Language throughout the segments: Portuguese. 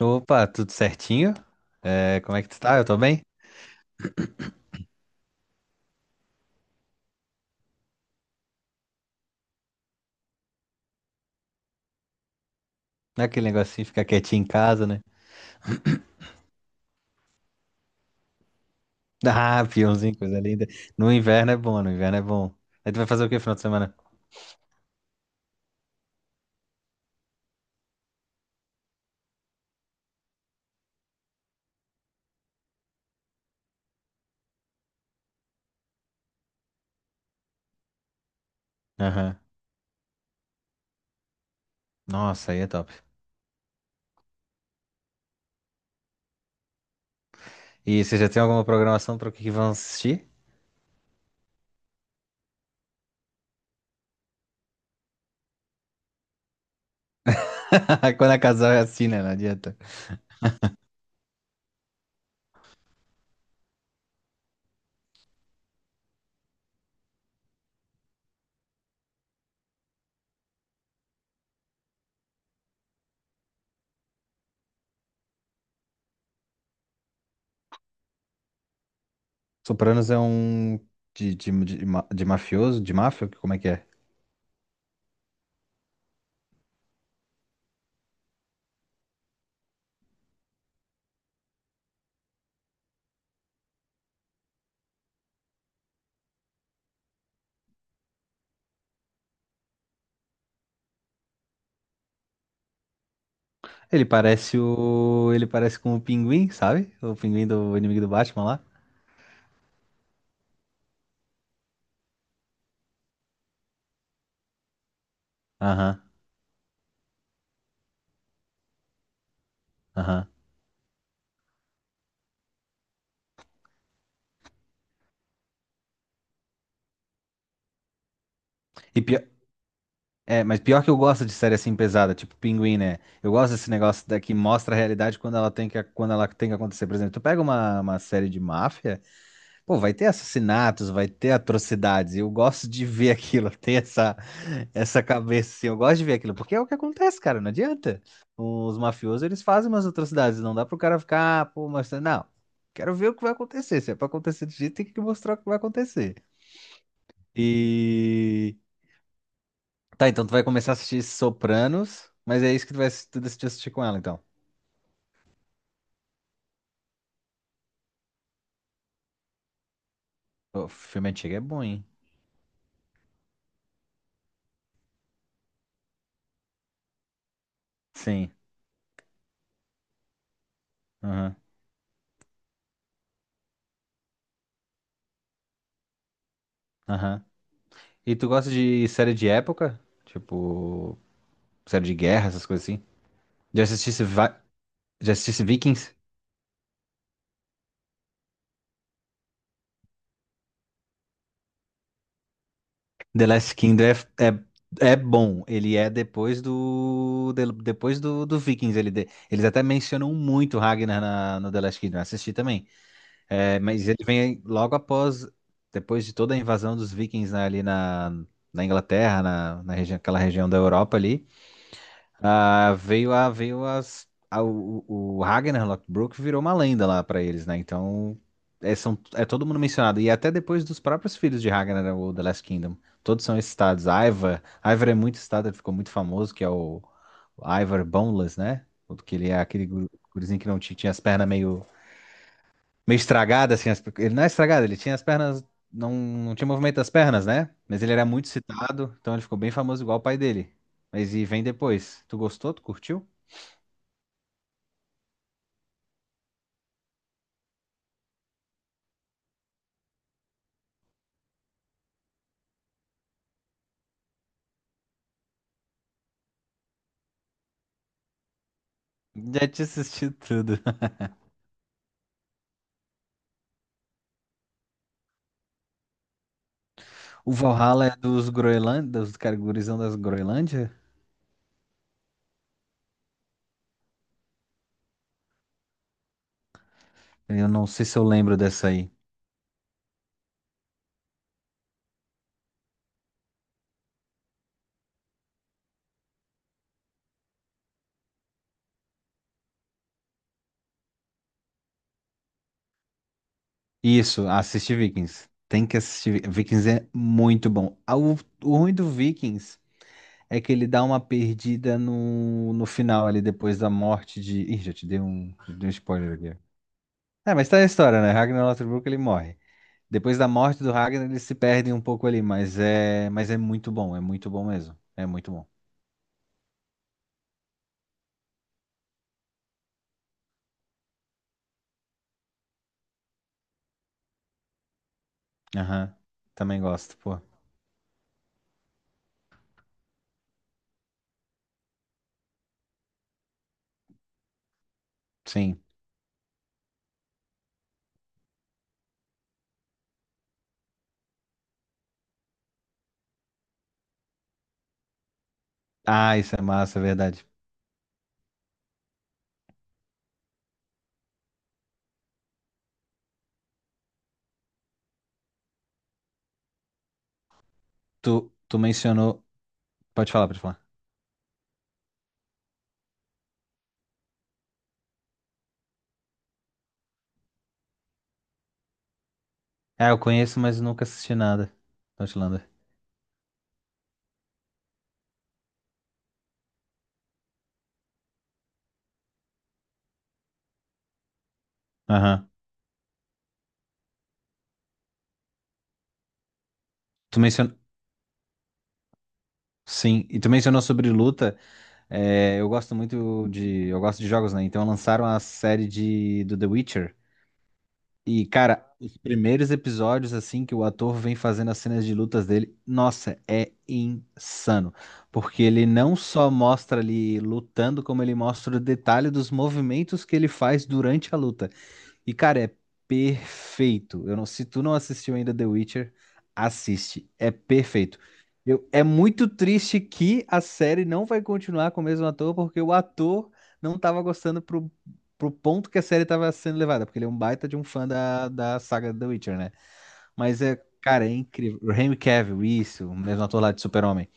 Opa, tudo certinho? É, como é que tu tá? Eu tô bem? Não é aquele negocinho de ficar quietinho em casa, né? Ah, peãozinho, coisa linda. No inverno é bom, no inverno é bom. Aí tu vai fazer o que no final de semana? Aham. Nossa, aí é top. E você já tem alguma programação para o que que vão assistir? Quando é casal é assim, né? Não adianta. Sopranos é um de mafioso, de máfia? Como é que é? Ele parece com o Pinguim, sabe? O Pinguim do inimigo do Batman lá. Aham, aham. E pior. É, mas pior que eu gosto de série assim pesada, tipo Pinguim, né? Eu gosto desse negócio que mostra a realidade quando ela tem que acontecer. Por exemplo, tu pega uma série de máfia, pô, vai ter assassinatos, vai ter atrocidades. Eu gosto de ver aquilo, essa cabeça assim. Eu gosto de ver aquilo, porque é o que acontece, cara, não adianta. Os mafiosos, eles fazem umas atrocidades, não dá pro cara ficar, ah, pô, mas não. Quero ver o que vai acontecer. Se é pra acontecer de jeito, tem que mostrar o que vai acontecer. E Tá, então tu vai começar a assistir Sopranos, mas é isso que tu decidiu assistir com ela, então. O filme antigo é bom, hein? Sim. Aham. Aham. E tu gosta de série de época? Tipo, série de guerra, essas coisas assim? Já assistisse, Va- Já assistisse Vikings? The Last Kingdom é bom. Ele é depois do. De- Depois do Vikings. Eles até mencionam muito Ragnar no The Last Kingdom. Eu assisti também. É, mas ele vem logo após, depois de toda a invasão dos vikings, né, na Inglaterra, na região, aquela região da Europa ali, ah, veio a, veio as, a- o Ragnar Lothbrok virou uma lenda lá pra eles, né? Então, é todo mundo mencionado. E até depois dos próprios filhos de Ragnar, né, o The Last Kingdom. Todos são esses estados. Ivar, Ivar é muito estado, ele ficou muito famoso, que é o Ivar Boneless, né? O Que ele é aquele gurizinho que não tinha tinha as pernas meio meio estragado, assim. Ele não é estragado, ele tinha as pernas. Não tinha movimento das pernas, né? Mas ele era muito citado, então ele ficou bem famoso igual o pai dele. Mas e vem depois. Tu gostou? Tu curtiu? Já te assisti tudo. O Valhalla é dos Groenlândia, dos cara, gurizão das Groenlândia? Eu não sei se eu lembro dessa aí. Isso, assisti Vikings. Tem que assistir. Vikings é muito bom. O ruim do Vikings é que ele dá uma perdida no final ali, depois da morte de. Ih, já te dei um spoiler aqui. É, mas tá a história, né? Ragnar Lothbrok, ele morre. Depois da morte do Ragnar, eles se perdem um pouco ali, mas é muito bom mesmo. É muito bom. Aham. Também gosto, pô. Sim. Ah, isso é massa, é verdade. Tu mencionou. Pode falar, pode falar. Ah, eu conheço, mas nunca assisti nada. Outlander. Aham. Tu mencionou. Sim, e tu mencionou sobre luta. É, eu gosto muito de. Eu gosto de jogos, né? Então lançaram a série de do The Witcher. E, cara, os primeiros episódios, assim, que o ator vem fazendo as cenas de lutas dele, nossa, é insano. Porque ele não só mostra ali lutando, como ele mostra o detalhe dos movimentos que ele faz durante a luta. E, cara, é perfeito. Eu não, se tu não assistiu ainda The Witcher, assiste. É perfeito. É muito triste que a série não vai continuar com o mesmo ator, porque o ator não tava gostando pro ponto que a série tava sendo levada, porque ele é um baita de um fã da saga The Witcher, né? Mas é, cara, é incrível. O Henry Cavill, isso, o mesmo ator lá de Super-Homem.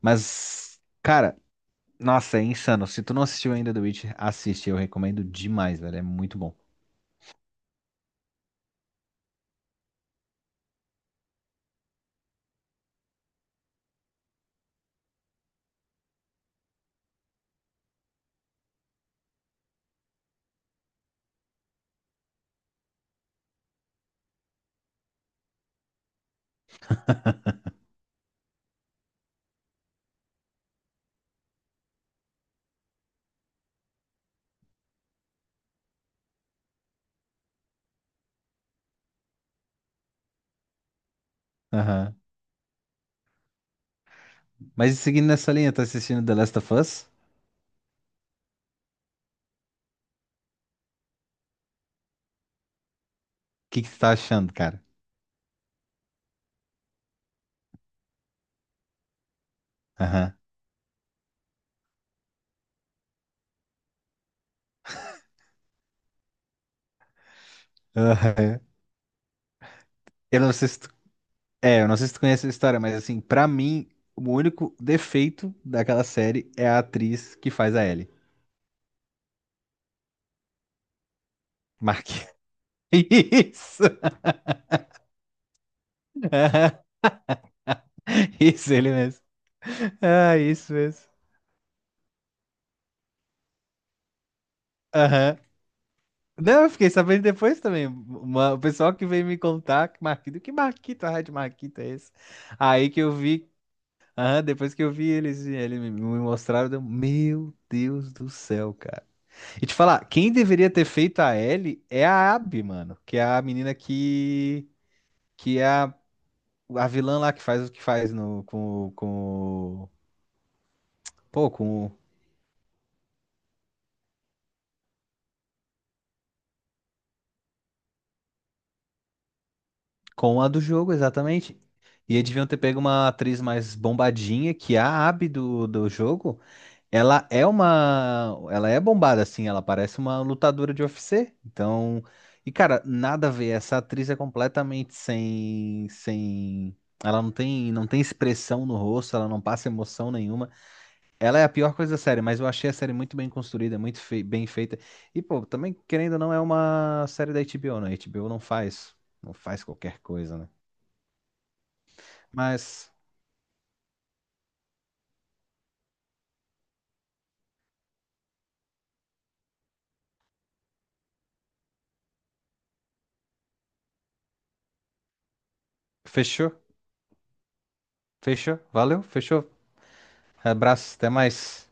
Mas, cara, nossa, é insano. Se tu não assistiu ainda The Witcher, assiste. Eu recomendo demais, velho. É muito bom. Aham. Mas seguindo nessa linha, tá assistindo The Last of Us? O que que tu tá achando, cara? Aham. Aham. Eu não sei se tu... É, eu não sei se tu conhece a história, mas assim, pra mim, o único defeito daquela série é a atriz que faz a Ellie. Mark. Isso! Aham. Isso, ele mesmo. Ah, isso mesmo. Aham. Não, eu fiquei sabendo depois também. O pessoal que veio me contar, que Marquito, a Red Marquito é esse? Aí que eu vi. Ah, depois que eu vi eles, eles me mostraram, meu Deus do céu, cara. E te falar, quem deveria ter feito a Ellie é a Abby, mano, que é a menina que é a vilã lá que faz o que faz no pô, com a do jogo, exatamente. E eles deviam ter pego uma atriz mais bombadinha que é a Abby do jogo. Ela é uma. Ela é bombada, assim. Ela parece uma lutadora de UFC. Então. E, cara, nada a ver. Essa atriz é completamente sem. Sem. Ela não tem, não tem expressão no rosto, ela não passa emoção nenhuma. Ela é a pior coisa da série, mas eu achei a série muito bem construída, bem feita. E, pô, também, querendo ou não, é uma série da HBO, né? A HBO não faz, não faz qualquer coisa, né? Mas, fechou? Fechou? Valeu? Fechou? Abraço, até mais.